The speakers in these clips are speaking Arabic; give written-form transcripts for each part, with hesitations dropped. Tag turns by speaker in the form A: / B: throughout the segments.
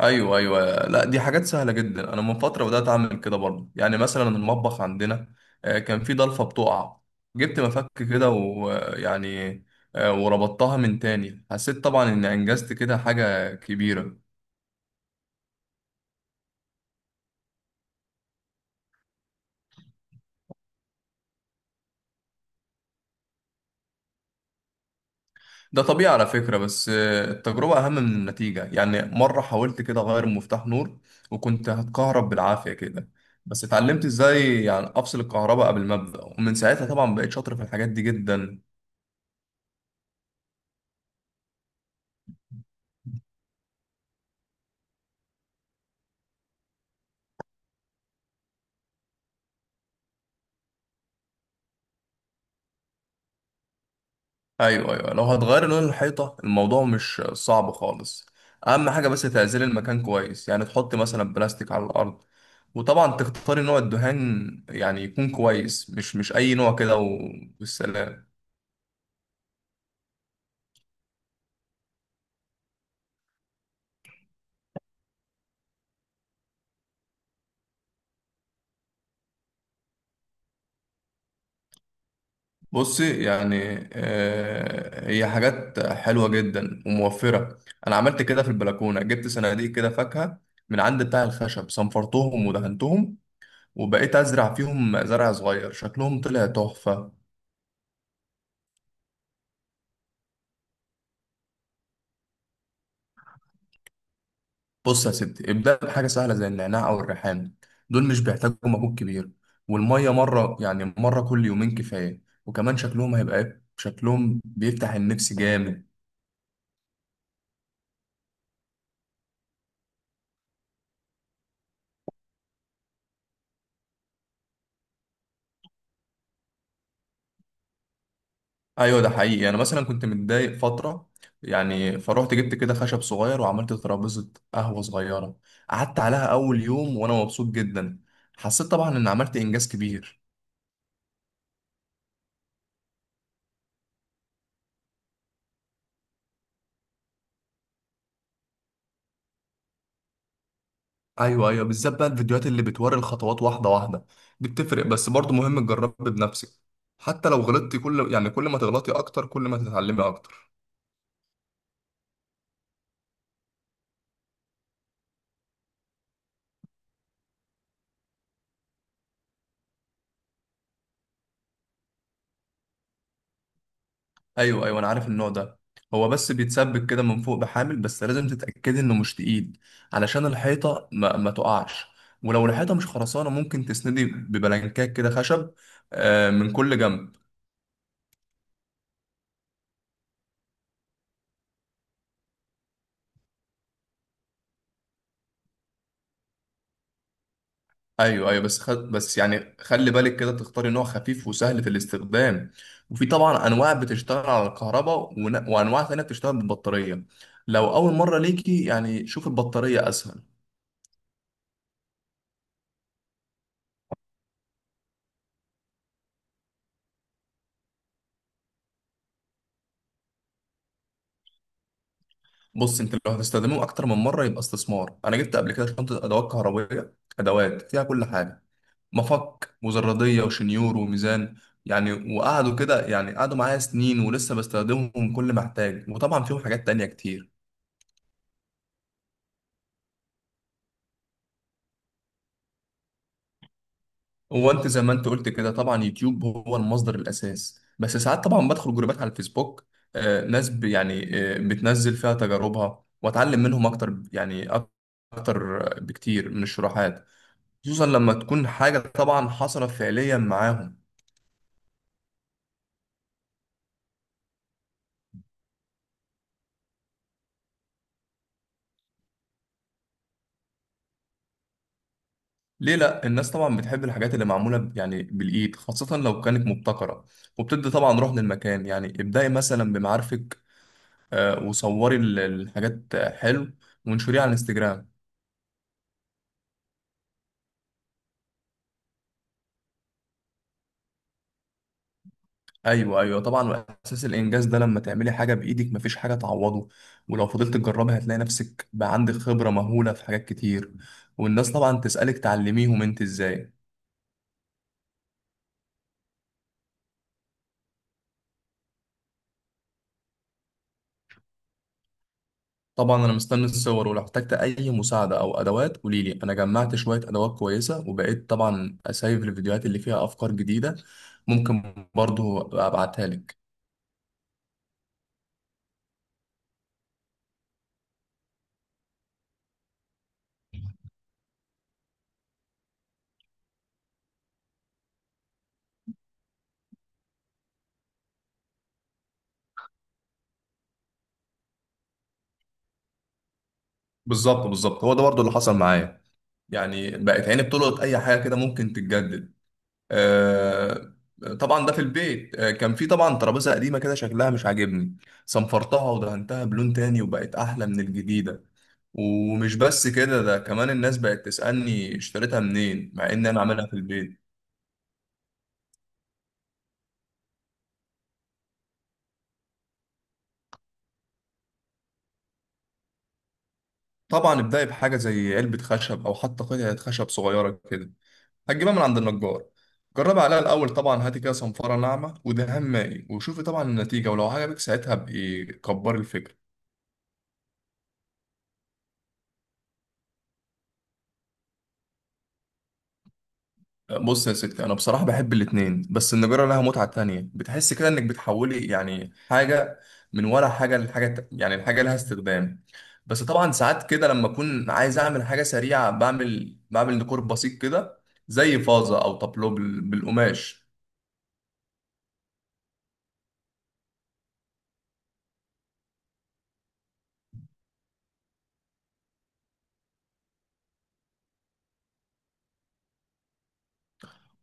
A: ايوه، ايوه، لا، دي حاجات سهله جدا. انا من فتره بدات اعمل كده برضه، يعني مثلا المطبخ عندنا كان في ضلفه بتقع. جبت مفك كده ويعني وربطتها من تاني، حسيت طبعا اني انجزت كده حاجه كبيره. ده طبيعي على فكره، بس التجربه اهم من النتيجه. يعني مره حاولت كده اغير مفتاح نور وكنت هتكهرب بالعافيه كده، بس اتعلمت ازاي يعني افصل الكهرباء قبل ما ابدا، ومن ساعتها طبعا بقيت شاطر في الحاجات دي جدا. ايوه، ايوه، لو هتغير لون الحيطه الموضوع مش صعب خالص. اهم حاجه بس تعزل المكان كويس، يعني تحط مثلا بلاستيك على الارض، وطبعا تختاري نوع الدهان يعني يكون كويس مش اي نوع كده والسلام. بصي، يعني هي حاجات حلوه جدا وموفره. انا عملت كده في البلكونه، جبت صناديق كده فاكهه من عند بتاع الخشب، صنفرتهم ودهنتهم وبقيت ازرع فيهم زرع صغير، شكلهم طلع تحفه. بص يا ستي، ابدأ بحاجة سهلة زي النعناع أو الريحان. دول مش بيحتاجوا مجهود كبير، والمية مرة، يعني مرة كل يومين كفاية. وكمان شكلهم هيبقى إيه؟ شكلهم بيفتح النفس جامد. أيوة، ده حقيقي. أنا مثلا كنت متضايق فترة، يعني فروحت جبت كده خشب صغير وعملت ترابيزة قهوة صغيرة. قعدت عليها أول يوم وأنا مبسوط جدا. حسيت طبعا إن عملت إنجاز كبير. ايوه، ايوه، بالذات بقى الفيديوهات اللي بتوري الخطوات واحده واحده، دي بتفرق. بس برضه مهم تجربي بنفسك، حتى لو غلطتي. يعني كل ما تغلطي اكتر كل ما تتعلمي اكتر. ايوه، ايوه، انا عارف النوع ده. هو بس بيتسبك كده من فوق بحامل، بس لازم تتاكدي انه مش تقيل علشان الحيطه ما تقعش. ولو الحيطه مش خرسانه ممكن تسندي ببلانكات كده خشب، من كل جنب. ايوه، ايوه، بس يعني خلي بالك كده تختاري نوع خفيف وسهل في الاستخدام. وفي طبعا انواع بتشتغل على الكهرباء، وانواع تانية بتشتغل بالبطاريه. لو اول مره ليكي، يعني شوف البطاريه اسهل. بص انت، لو هتستخدمه اكتر من مره يبقى استثمار. انا جبت قبل كده شنطه ادوات كهربائيه، ادوات فيها كل حاجه: مفك، مزرديه، وشنيور، وميزان، يعني. وقعدوا كده، يعني قعدوا معايا سنين ولسه بستخدمهم كل ما احتاج، وطبعا فيهم حاجات تانية كتير. هو انت زي ما انت قلت كده، طبعا يوتيوب هو المصدر الاساس، بس ساعات طبعا بدخل جروبات على الفيسبوك، ناس يعني بتنزل فيها تجاربها واتعلم منهم اكتر، يعني اكتر بكتير من الشروحات، خصوصا لما تكون حاجه طبعا حصلت فعليا معاهم. ليه لا؟ الناس طبعا بتحب الحاجات اللي معموله يعني بالايد، خاصه لو كانت مبتكره وبتدي طبعا روح للمكان. يعني ابدأي مثلا بمعارفك، وصوري الحاجات حلو وانشريها على الانستجرام. ايوه، ايوه، طبعا. واساس الانجاز ده لما تعملي حاجه بايدك مفيش حاجه تعوضه. ولو فضلت تجربي هتلاقي نفسك بقى عندك خبره مهوله في حاجات كتير، والناس طبعا تسالك تعلميهم انت ازاي. طبعا انا مستني الصور، ولو احتجت اي مساعده او ادوات قوليلي. انا جمعت شويه ادوات كويسه، وبقيت طبعا اسايف الفيديوهات اللي فيها افكار جديده، ممكن برضو أبقى ابعتها لك. بالظبط، بالظبط، هو ده برضو اللي حصل معايا. يعني بقت عيني بتلقط اي حاجه كده ممكن تتجدد. آه، طبعا ده في البيت، كان في طبعا ترابيزه قديمه كده شكلها مش عاجبني، صنفرتها ودهنتها بلون تاني وبقت احلى من الجديده. ومش بس كده، ده كمان الناس بقت تسالني اشتريتها منين، مع ان انا عاملها في البيت. طبعا ابدأي بحاجه زي علبه خشب او حتى قطعه خشب صغيره كده، هتجيبها من عند النجار. جربي عليها الاول، طبعا هاتي كده صنفره ناعمه ودهان مائي وشوفي طبعا النتيجه، ولو عجبك ساعتها ابقي كبري الفكره. بص يا ستي، انا بصراحه بحب الاتنين، بس النجاره لها متعه تانية، بتحس كده انك بتحولي يعني حاجه من ولا حاجه لحاجه، يعني الحاجه لها استخدام. بس طبعا ساعات كده لما اكون عايز اعمل حاجه سريعه بعمل ديكور بسيط كده، زي فازه او طابلو بالقماش.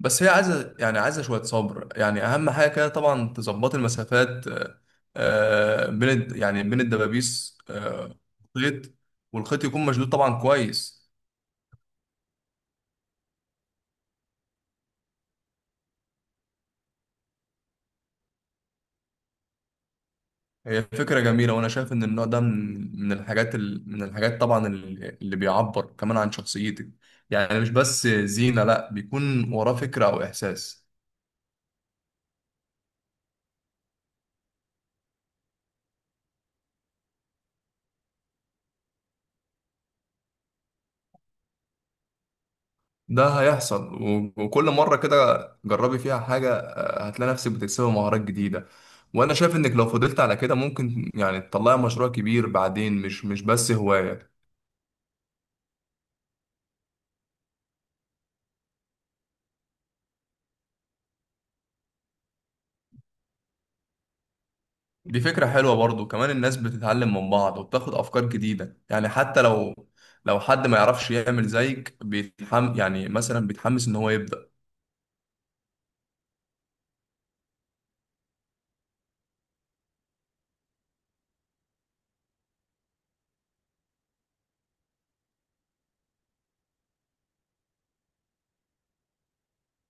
A: بس هي عايزه، يعني عايزه شويه صبر. يعني اهم حاجه كده طبعا تظبط المسافات بين يعني بين الدبابيس خيط، والخيط يكون مشدود طبعا كويس. هي فكرة جميلة، وأنا شايف إن النوع ده من الحاجات، من الحاجات طبعا اللي بيعبر كمان عن شخصيتك. يعني مش بس زينة، لأ، بيكون وراه فكرة أو إحساس. ده هيحصل، وكل مرة كده جربي فيها حاجة هتلاقي نفسك بتكسبي مهارات جديدة. وأنا شايف إنك لو فضلت على كده ممكن يعني تطلعي مشروع كبير بعدين، مش بس هواية. دي فكرة حلوة برضو، كمان الناس بتتعلم من بعض وبتاخد أفكار جديدة. يعني حتى لو حد ما يعرفش يعمل زيك يعني مثلا بيتحمس إن هو يبدأ.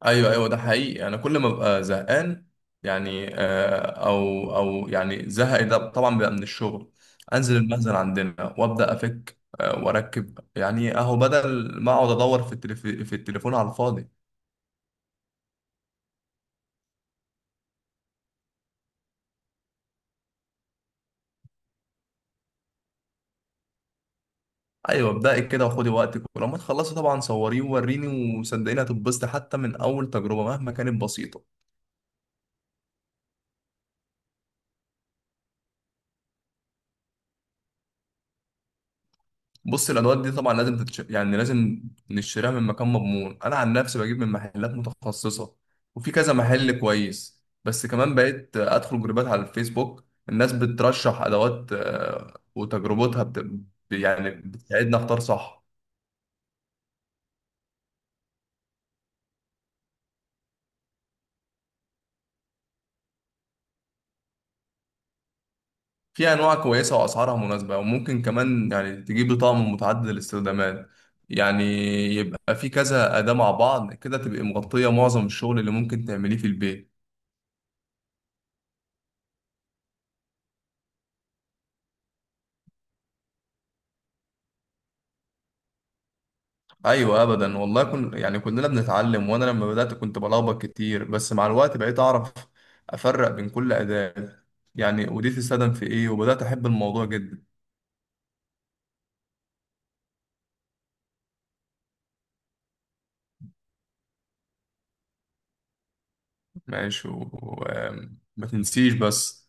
A: أيوه، أيوه، ده حقيقي. أنا كل ما ببقى زهقان، يعني أو يعني زهق، ده طبعا بيبقى من الشغل، أنزل المخزن عندنا وأبدأ أفك وأركب، يعني أهو بدل ما أقعد أدور في في التليفون على الفاضي. ايوه، ابدأي كده وخدي وقتك، ولما تخلصي طبعا صوريه ووريني، وصدقيني هتتبسطي حتى من اول تجربه مهما كانت بسيطه. بص، الادوات دي طبعا لازم يعني لازم نشتريها من مكان مضمون. انا عن نفسي بجيب من محلات متخصصه، وفي كذا محل كويس، بس كمان بقيت ادخل جروبات على الفيسبوك، الناس بترشح ادوات وتجربتها يعني بتساعدنا اختار صح. في انواع كويسه واسعارها مناسبه، وممكن كمان يعني تجيب طقم متعدد الاستخدامات، يعني يبقى في كذا اداه مع بعض كده تبقى مغطيه معظم الشغل اللي ممكن تعمليه في البيت. ايوه، ابدا والله، يعني كلنا بنتعلم. وانا لما بدات كنت بلخبط كتير، بس مع الوقت بقيت اعرف افرق بين كل اداه، يعني ودي تستخدم في ايه، وبدات احب الموضوع جدا. ماشي، وما تنسيش بس